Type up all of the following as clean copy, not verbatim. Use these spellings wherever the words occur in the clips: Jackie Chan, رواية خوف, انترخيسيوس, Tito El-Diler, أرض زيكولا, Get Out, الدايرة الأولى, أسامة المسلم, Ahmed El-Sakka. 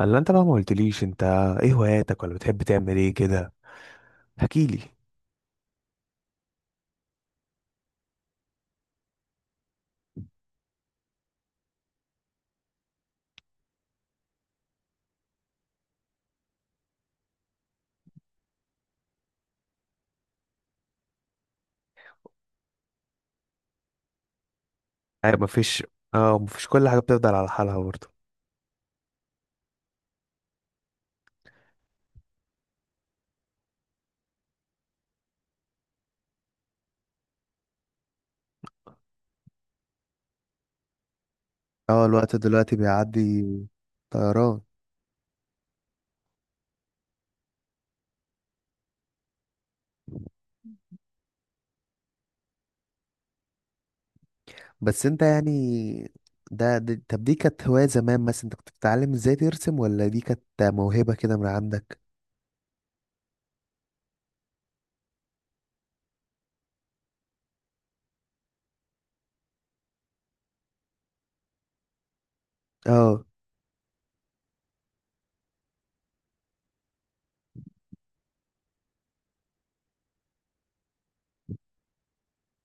الا انت بقى ما قلتليش انت ايه هواياتك ولا بتحب تعمل ايه كده؟ احكيلي. ايوه، مفيش. اه، مفيش، كل حاجه بتفضل على حالها برضه. اه الوقت دلوقتي بيعدي. طيران. بس انت يعني ده طب دي كانت هواية زمان؟ مثلا انت كنت بتتعلم ازاي ترسم ولا دي كانت موهبة كده من عندك؟ اه،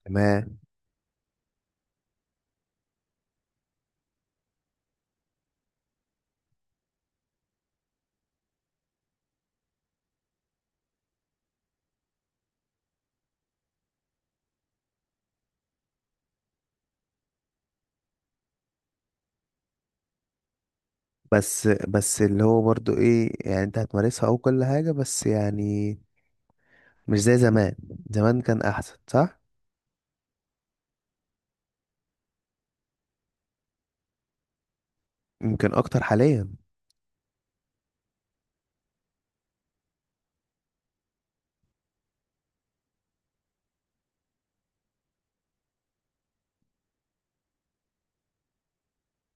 تمام. بس اللي هو برضو ايه؟ يعني انت هتمارسها او كل حاجة، بس يعني مش زي زمان. زمان كان احسن، صح؟ يمكن اكتر حاليا.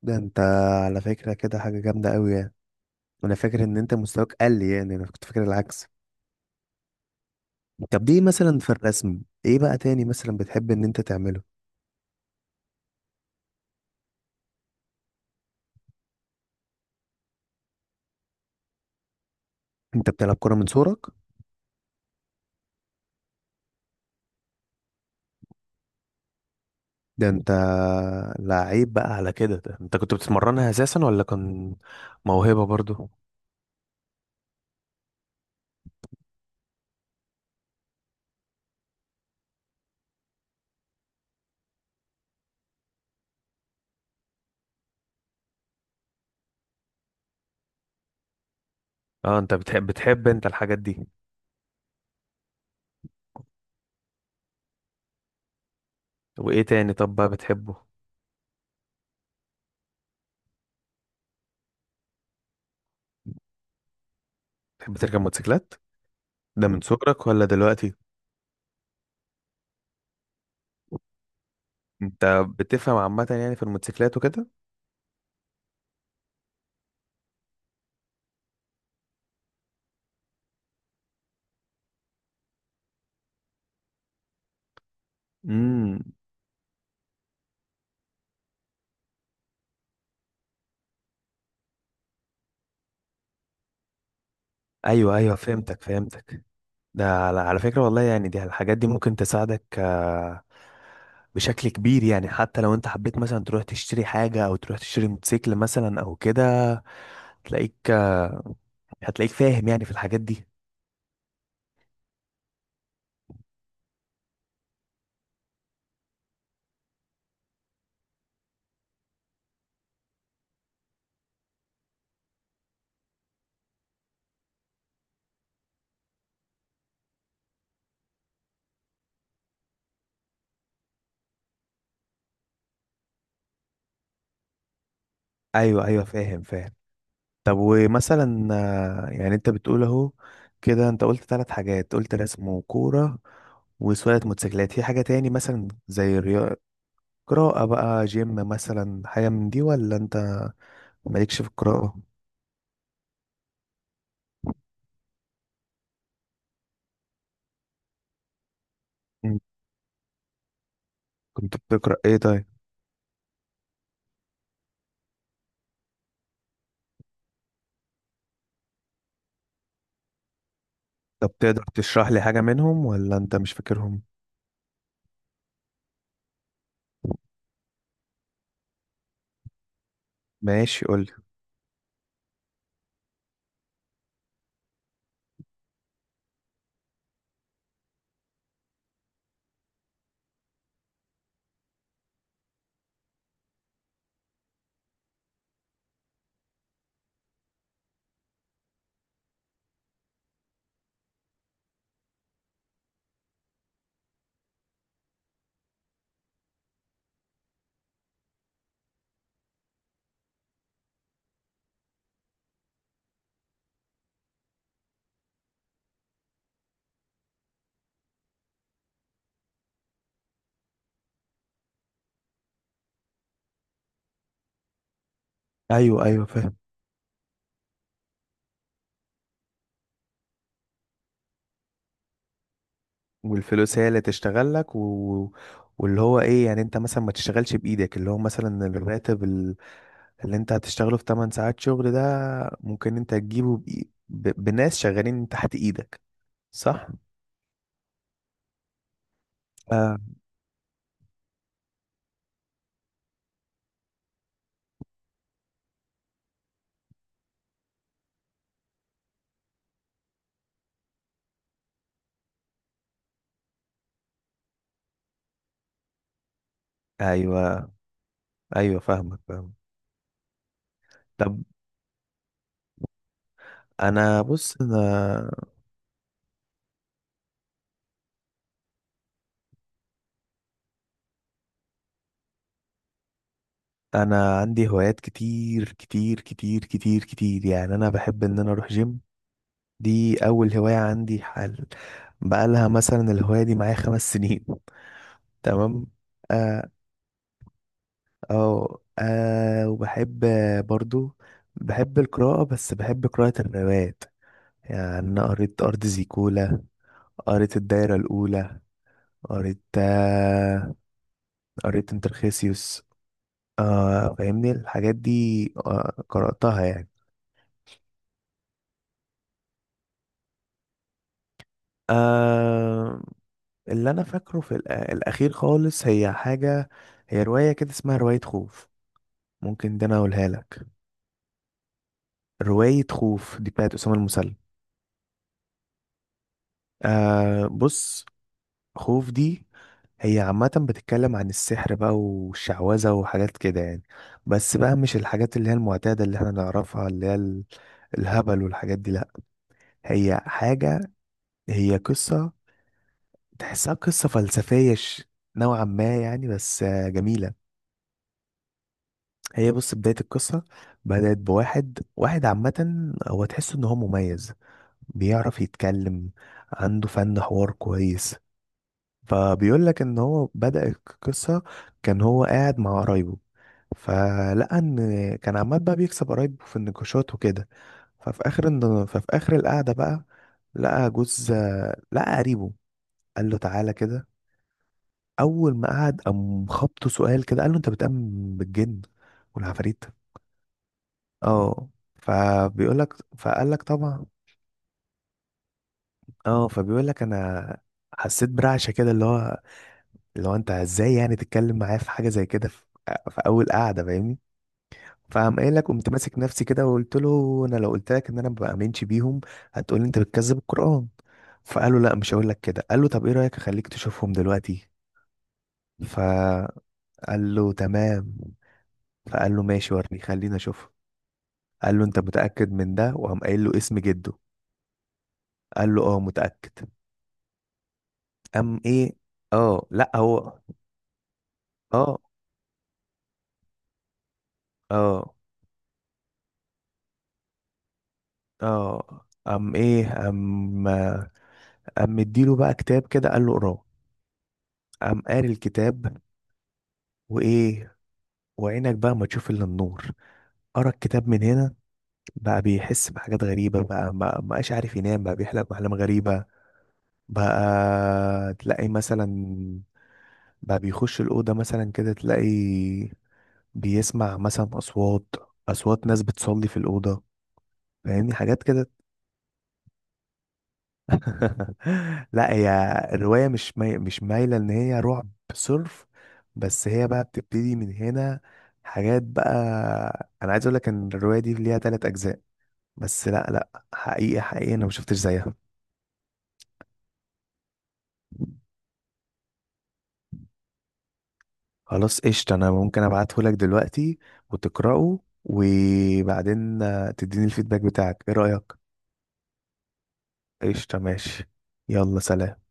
ده انت على فكرة كده حاجة جامدة قوي يعني. انا فاكر ان انت مستواك قل، يعني انا كنت فاكر العكس. طب دي مثلا في الرسم، ايه بقى تاني مثلا بتحب ان انت تعمله؟ انت بتلعب كرة من صغرك؟ ده انت لعيب بقى على كده. ده انت كنت بتتمرنها اساسا ولا كان موهبة برضو؟ اه، انت بتحب انت الحاجات دي؟ وايه تاني طب بقى بتحبه؟ بتحب تركب موتوسيكلات؟ ده من صغرك ولا دلوقتي؟ انت بتفهم عامة يعني في الموتوسيكلات وكده؟ امم ايوه ايوه، فهمتك فهمتك. ده على فكرة والله يعني، دي الحاجات دي ممكن تساعدك بشكل كبير. يعني حتى لو انت حبيت مثلا تروح تشتري حاجة او تروح تشتري موتوسيكل مثلا او كده، تلاقيك هتلاقيك فاهم يعني في الحاجات دي. ايوه ايوه، فاهم فاهم. طب ومثلا يعني انت بتقول اهو كده، انت قلت 3 حاجات، قلت رسم وكورة وسواقة موتوسيكلات. في حاجة تاني مثلا زي الرياضة، قراءة بقى، جيم مثلا؟ حاجة من دي ولا انت مالكش في القراءة؟ كنت بتقرأ ايه طيب؟ طب تقدر تشرح لي حاجة منهم ولا انت مش فاكرهم؟ ماشي، قولي. ايوه ايوه فاهم. والفلوس هي اللي تشتغل لك و... واللي هو ايه يعني، انت مثلا ما تشتغلش بايدك، اللي هو مثلا الراتب اللي انت هتشتغله في 8 ساعات شغل ده ممكن انت تجيبه بناس شغالين تحت ايدك، صح؟ آه. ايوه ايوه فاهمك فاهمك. طب انا بص انا، انا عندي هوايات كتير كتير كتير كتير كتير، يعني انا بحب ان انا اروح جيم. دي اول هواية عندي حال، بقالها مثلا الهواية دي معايا 5 سنين. تمام. اه اه وبحب برضو بحب القراءة، بس بحب قراءة الروايات. يعني أنا قريت أرض زيكولا، قريت الدايرة الأولى، قريت قريت انترخيسيوس. آه فاهمني الحاجات دي، آه قرأتها يعني. آه، اللي أنا فاكره في الأخير خالص هي حاجة، هي رواية كده اسمها رواية خوف. ممكن ده انا اقولها لك. رواية خوف دي بتاعت أسامة المسلم. آه بص، خوف دي هي عامة بتتكلم عن السحر بقى والشعوذة وحاجات كده يعني. بس بقى مش الحاجات اللي هي المعتادة اللي احنا نعرفها، اللي هي الهبل والحاجات دي، لأ. هي حاجة، هي قصة، تحسها قصة فلسفية نوعا ما يعني، بس جميلة. هي بص، بداية القصة بدأت بواحد واحد عامة، هو تحس إن هو مميز، بيعرف يتكلم، عنده فن حوار كويس. فبيقول لك ان هو بدأ القصة كان هو قاعد مع قرايبه، فلقى ان كان عمال بقى بيكسب قرايبه في النقاشات وكده. ففي اخر ففي اخر القعدة بقى لقى جوز، لقى قريبه، قال له تعالى كده. اول ما قعد قام خبطه سؤال كده، قال له انت بتؤمن بالجن والعفاريت؟ اه، فبيقول لك فقال لك طبعا. اه فبيقول لك انا حسيت برعشه كده، اللي هو اللي هو انت ازاي يعني تتكلم معايا في حاجه زي كده، في اول قعده فاهمني. فقام قايل لك قمت ماسك نفسي كده وقلت له، انا لو قلت لك ان انا ما بامنش بيهم هتقول لي انت بتكذب القران. فقال له لا مش هقول لك كده. قال له طب ايه رايك اخليك تشوفهم دلوقتي؟ فقال له تمام. فقال له ماشي ورني، خلينا اشوفهم. قال له انت متاكد من ده؟ وقام قايل له اسم جده. قال له اه متاكد. قام ايه، اه لا هو، اه اه اه قام ايه، قام مديله بقى كتاب كده، قال له اقراه. قام قاري الكتاب، وايه؟ وعينك بقى ما تشوف الا النور. قرا الكتاب من هنا بقى بيحس بحاجات غريبه، بقى ما بقاش عارف ينام، بقى بيحلم احلام غريبه، بقى تلاقي مثلا، بقى بيخش الاوضه مثلا كده تلاقي بيسمع مثلا اصوات، اصوات ناس بتصلي في الاوضه، فاهمني حاجات كده. لا، هي الرواية مش مش مايلة ان هي رعب صرف، بس هي بقى بتبتدي من هنا، حاجات بقى. انا عايز اقول لك ان الرواية دي ليها 3 اجزاء. بس لا لا، حقيقة حقيقة انا ما شفتش زيها. خلاص قشطة، انا ممكن ابعته لك دلوقتي وتقرأه، وبعدين تديني الفيدباك بتاعك، ايه رأيك؟ قشطة، ماشي. يلا، سلام.